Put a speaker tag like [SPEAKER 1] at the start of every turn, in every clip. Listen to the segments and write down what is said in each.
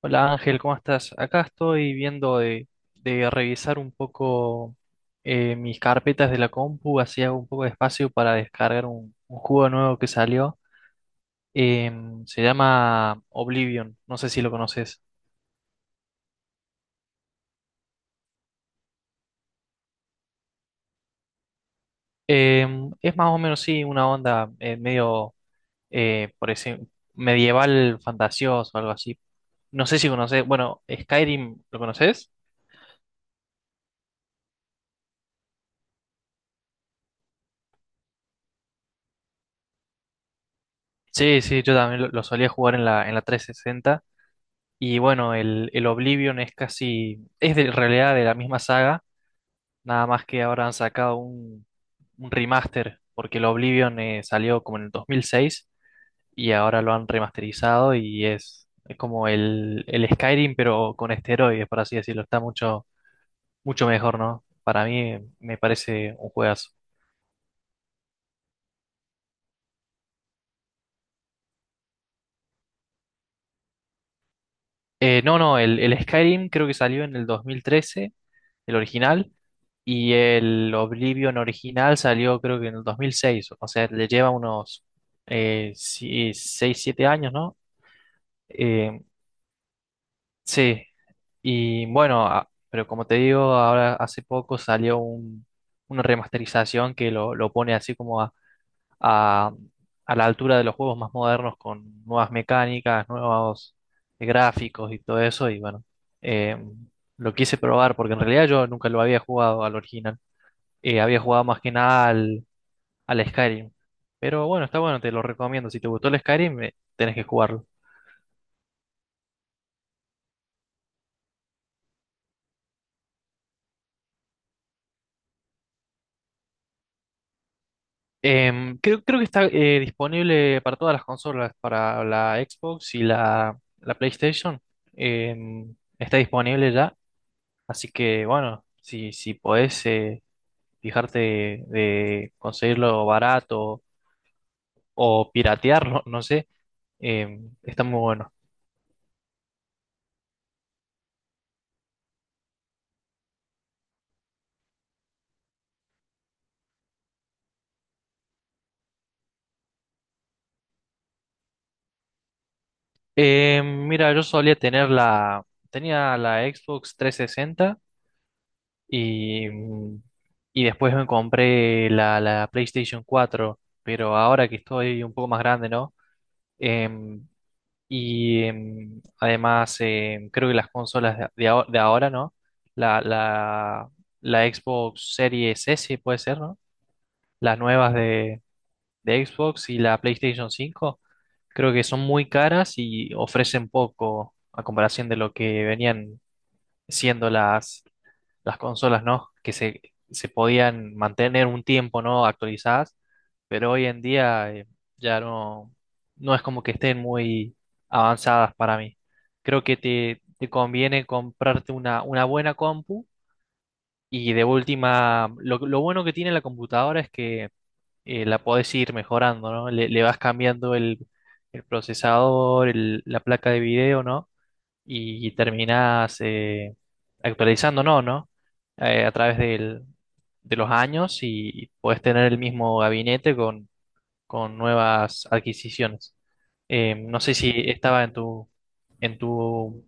[SPEAKER 1] Hola Ángel, ¿cómo estás? Acá estoy viendo de revisar un poco mis carpetas de la compu, así hago un poco de espacio para descargar un juego nuevo que salió. Se llama Oblivion, no sé si lo conoces. Es más o menos, sí, una onda medio, por decir, medieval fantasioso, algo así. No sé si conoces, bueno, Skyrim, ¿lo conoces? Sí, sí, yo también lo solía jugar en en la 360. Y bueno, el Oblivion es casi, es de, en realidad de la misma saga, nada más que ahora han sacado un remaster, porque el Oblivion salió como en el 2006 y ahora lo han remasterizado y es como el Skyrim, pero con esteroides, por así decirlo, está mucho, mucho mejor, ¿no? Para mí me parece un juegazo. No, no, el Skyrim creo que salió en el 2013 el original, y el Oblivion original salió creo que en el 2006, o sea, le lleva unos si, 6 7 años, ¿no? Eh, sí, y bueno, pero como te digo, ahora hace poco salió una remasterización que lo pone así como a, a- a la altura de los juegos más modernos con nuevas mecánicas, nuevos gráficos y todo eso, y bueno, eh, lo quise probar porque en realidad yo nunca lo había jugado al original. Había jugado más que nada al Skyrim. Pero bueno, está bueno, te lo recomiendo. Si te gustó el Skyrim, tenés que jugarlo. Creo, creo que está disponible para todas las consolas, para la Xbox y la PlayStation. Está disponible ya. Así que bueno, si, si podés fijarte de conseguirlo barato o piratearlo, no sé, está muy bueno. Mira, yo solía tener la, tenía la Xbox 360. Y, y después me compré la PlayStation cuatro, pero ahora que estoy un poco más grande, ¿no? Em, Además creo que las consolas de, de ahora, ¿no? La, la, la Xbox Series S puede ser, ¿no? Las nuevas de Xbox y la PlayStation cinco creo que son muy caras y ofrecen poco a comparación de lo que venían siendo las consolas, ¿no? Que se podían mantener un tiempo, ¿no? Actualizadas, pero hoy en día ya no, no es como que estén muy avanzadas para mí. Creo que te conviene comprarte una buena compu, y de última, lo bueno que tiene la computadora es que la podés ir mejorando, ¿no? Le vas cambiando el procesador, la placa de video, ¿no? Y terminas actualizando, ¿no? A través de los años y puedes tener el mismo gabinete con nuevas adquisiciones. No sé si estaba en en tu...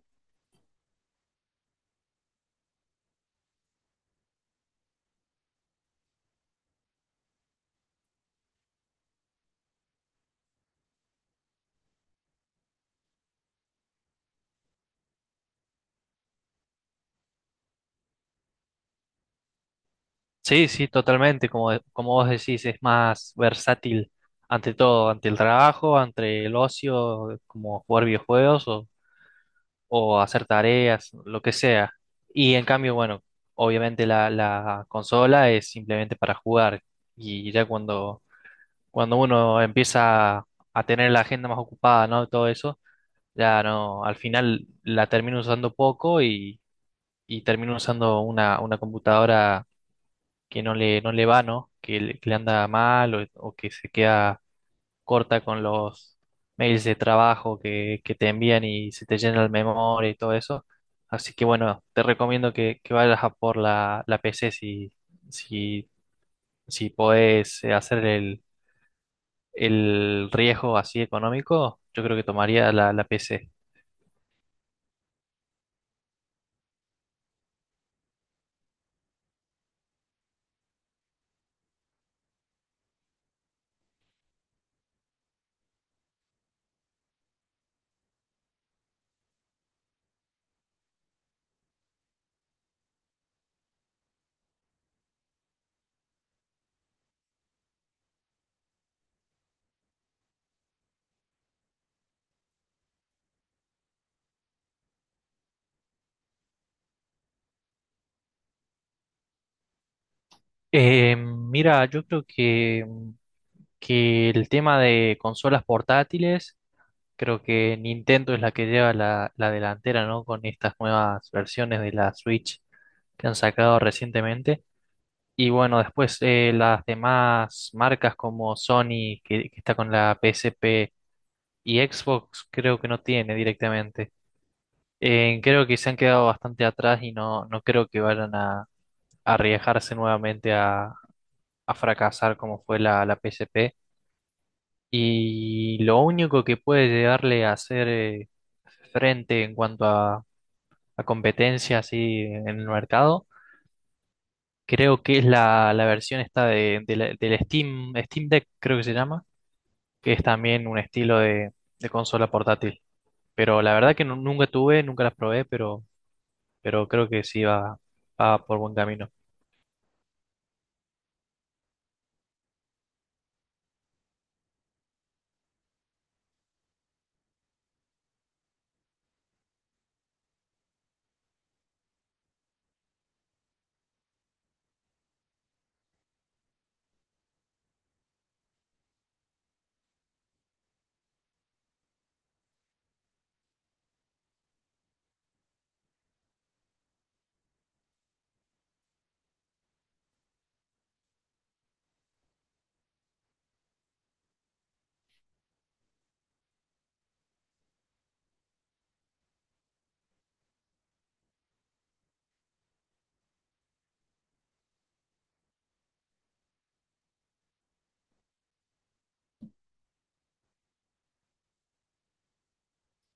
[SPEAKER 1] Sí, sí, totalmente, como, como vos decís, es más versátil ante todo, ante el trabajo, ante el ocio, como jugar videojuegos o hacer tareas, lo que sea. Y en cambio, bueno, obviamente la consola es simplemente para jugar. Y ya cuando uno empieza a tener la agenda más ocupada, ¿no? Todo eso, ya no, al final la termino usando poco y termino usando una computadora que no le, no le va, ¿no? que le anda mal o que se queda corta con los mails de trabajo que te envían y se te llena el memoria y todo eso. Así que bueno, te recomiendo que vayas a por la PC si, si, si podés hacer el riesgo así económico, yo creo que tomaría la PC. Mira, yo creo que el tema de consolas portátiles, creo que Nintendo es la que lleva la delantera, ¿no? Con estas nuevas versiones de la Switch que han sacado recientemente. Y bueno, después las demás marcas como Sony, que está con la PSP y Xbox, creo que no tiene directamente. Creo que se han quedado bastante atrás y no, no creo que vayan a arriesgarse nuevamente a fracasar como fue la P S P. Y lo único que puede llegarle a hacer frente en cuanto a competencia así en el mercado, creo que es la versión esta de, del Steam, Steam Deck, creo que se llama, que es también un estilo de consola portátil. Pero la verdad que nunca tuve, nunca las probé, pero creo que sí va, va por buen camino.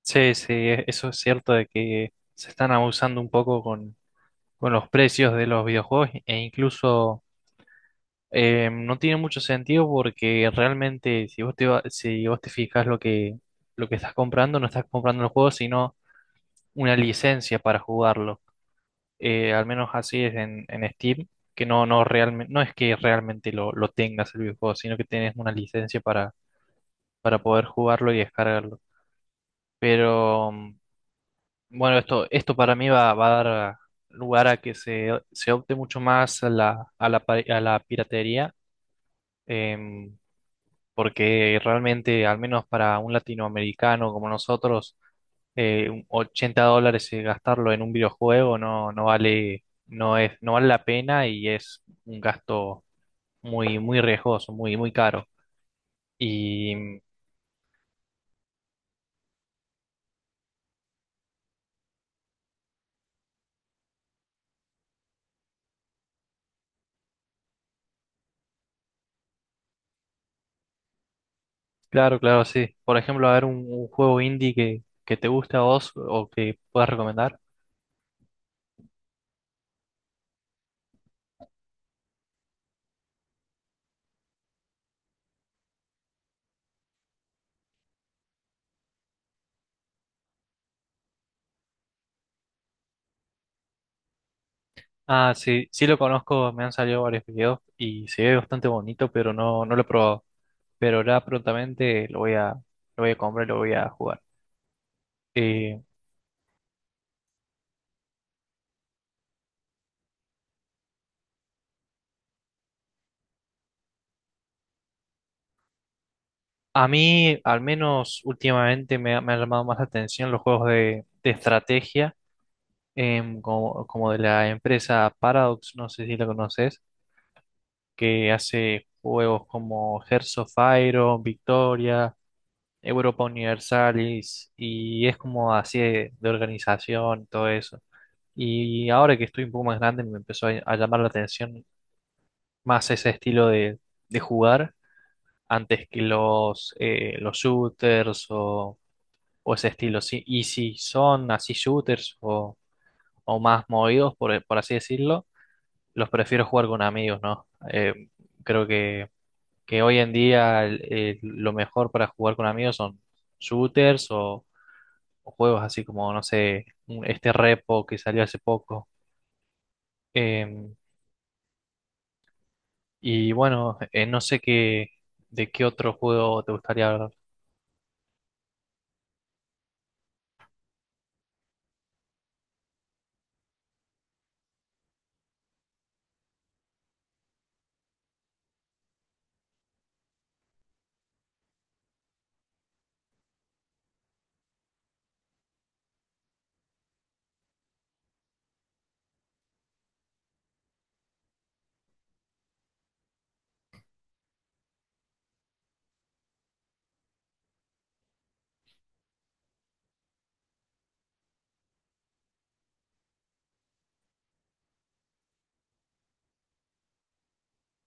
[SPEAKER 1] Sí, sí, eso es cierto de que se están abusando un poco con los precios de los videojuegos e incluso no tiene mucho sentido porque realmente si vos si vos te fijas lo que estás comprando, no estás comprando el juego, sino una licencia para jugarlo. Al menos así es en Steam, que no, no, realmente, no es que realmente lo tengas el videojuego, sino que tenés una licencia para poder jugarlo y descargarlo. Pero bueno, esto para mí va a dar lugar a que se opte mucho más a a la piratería, em, porque realmente, al menos para un latinoamericano como nosotros, un $80 gastarlo en un videojuego no, no vale la pena y es un gasto muy, muy riesgoso, muy, muy caro. Y mm, claro, claro, sí. Por ejemplo, a ver un juego indie que te guste a vos o que puedas recomendar. Ah, sí, sí lo conozco, me han salido varios videos y se ve bastante bonito, pero no, no lo he probado. Pero ahora prontamente lo voy lo voy a comprar y lo voy a jugar. Eh, a mí, al menos últimamente, me han llamado más la atención los juegos de estrategia, como de la empresa Paradox, no sé si la conoces, que hace juegos como Hearts of Iron, Victoria, Europa Universalis, y es como así de organización, todo eso. Y ahora que estoy un poco más grande, me empezó a llamar la atención más ese estilo de jugar antes que los shooters o ese estilo. Sí, y si son así shooters o más movidos, por así decirlo, los prefiero jugar con amigos, ¿no? Creo que hoy en día lo mejor para jugar con amigos son shooters o juegos así como, no sé, este Repo que salió hace poco. Em, Y bueno, no sé qué, de qué otro juego te gustaría hablar.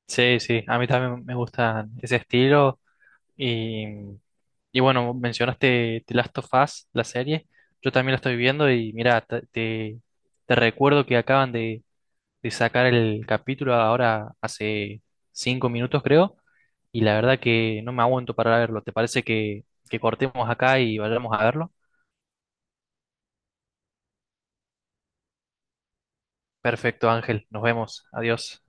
[SPEAKER 1] Sí, sí, a mí también me gustan ese estilo. Y, y bueno, mencionaste The Last of Us, la serie. Yo también la estoy viendo y mira, te recuerdo que acaban de sacar el capítulo ahora hace cinco minutos, creo. Y la verdad que no me aguanto para verlo. ¿Te parece que cortemos acá y vayamos a verlo? Perfecto, Ángel. Nos vemos. Adiós.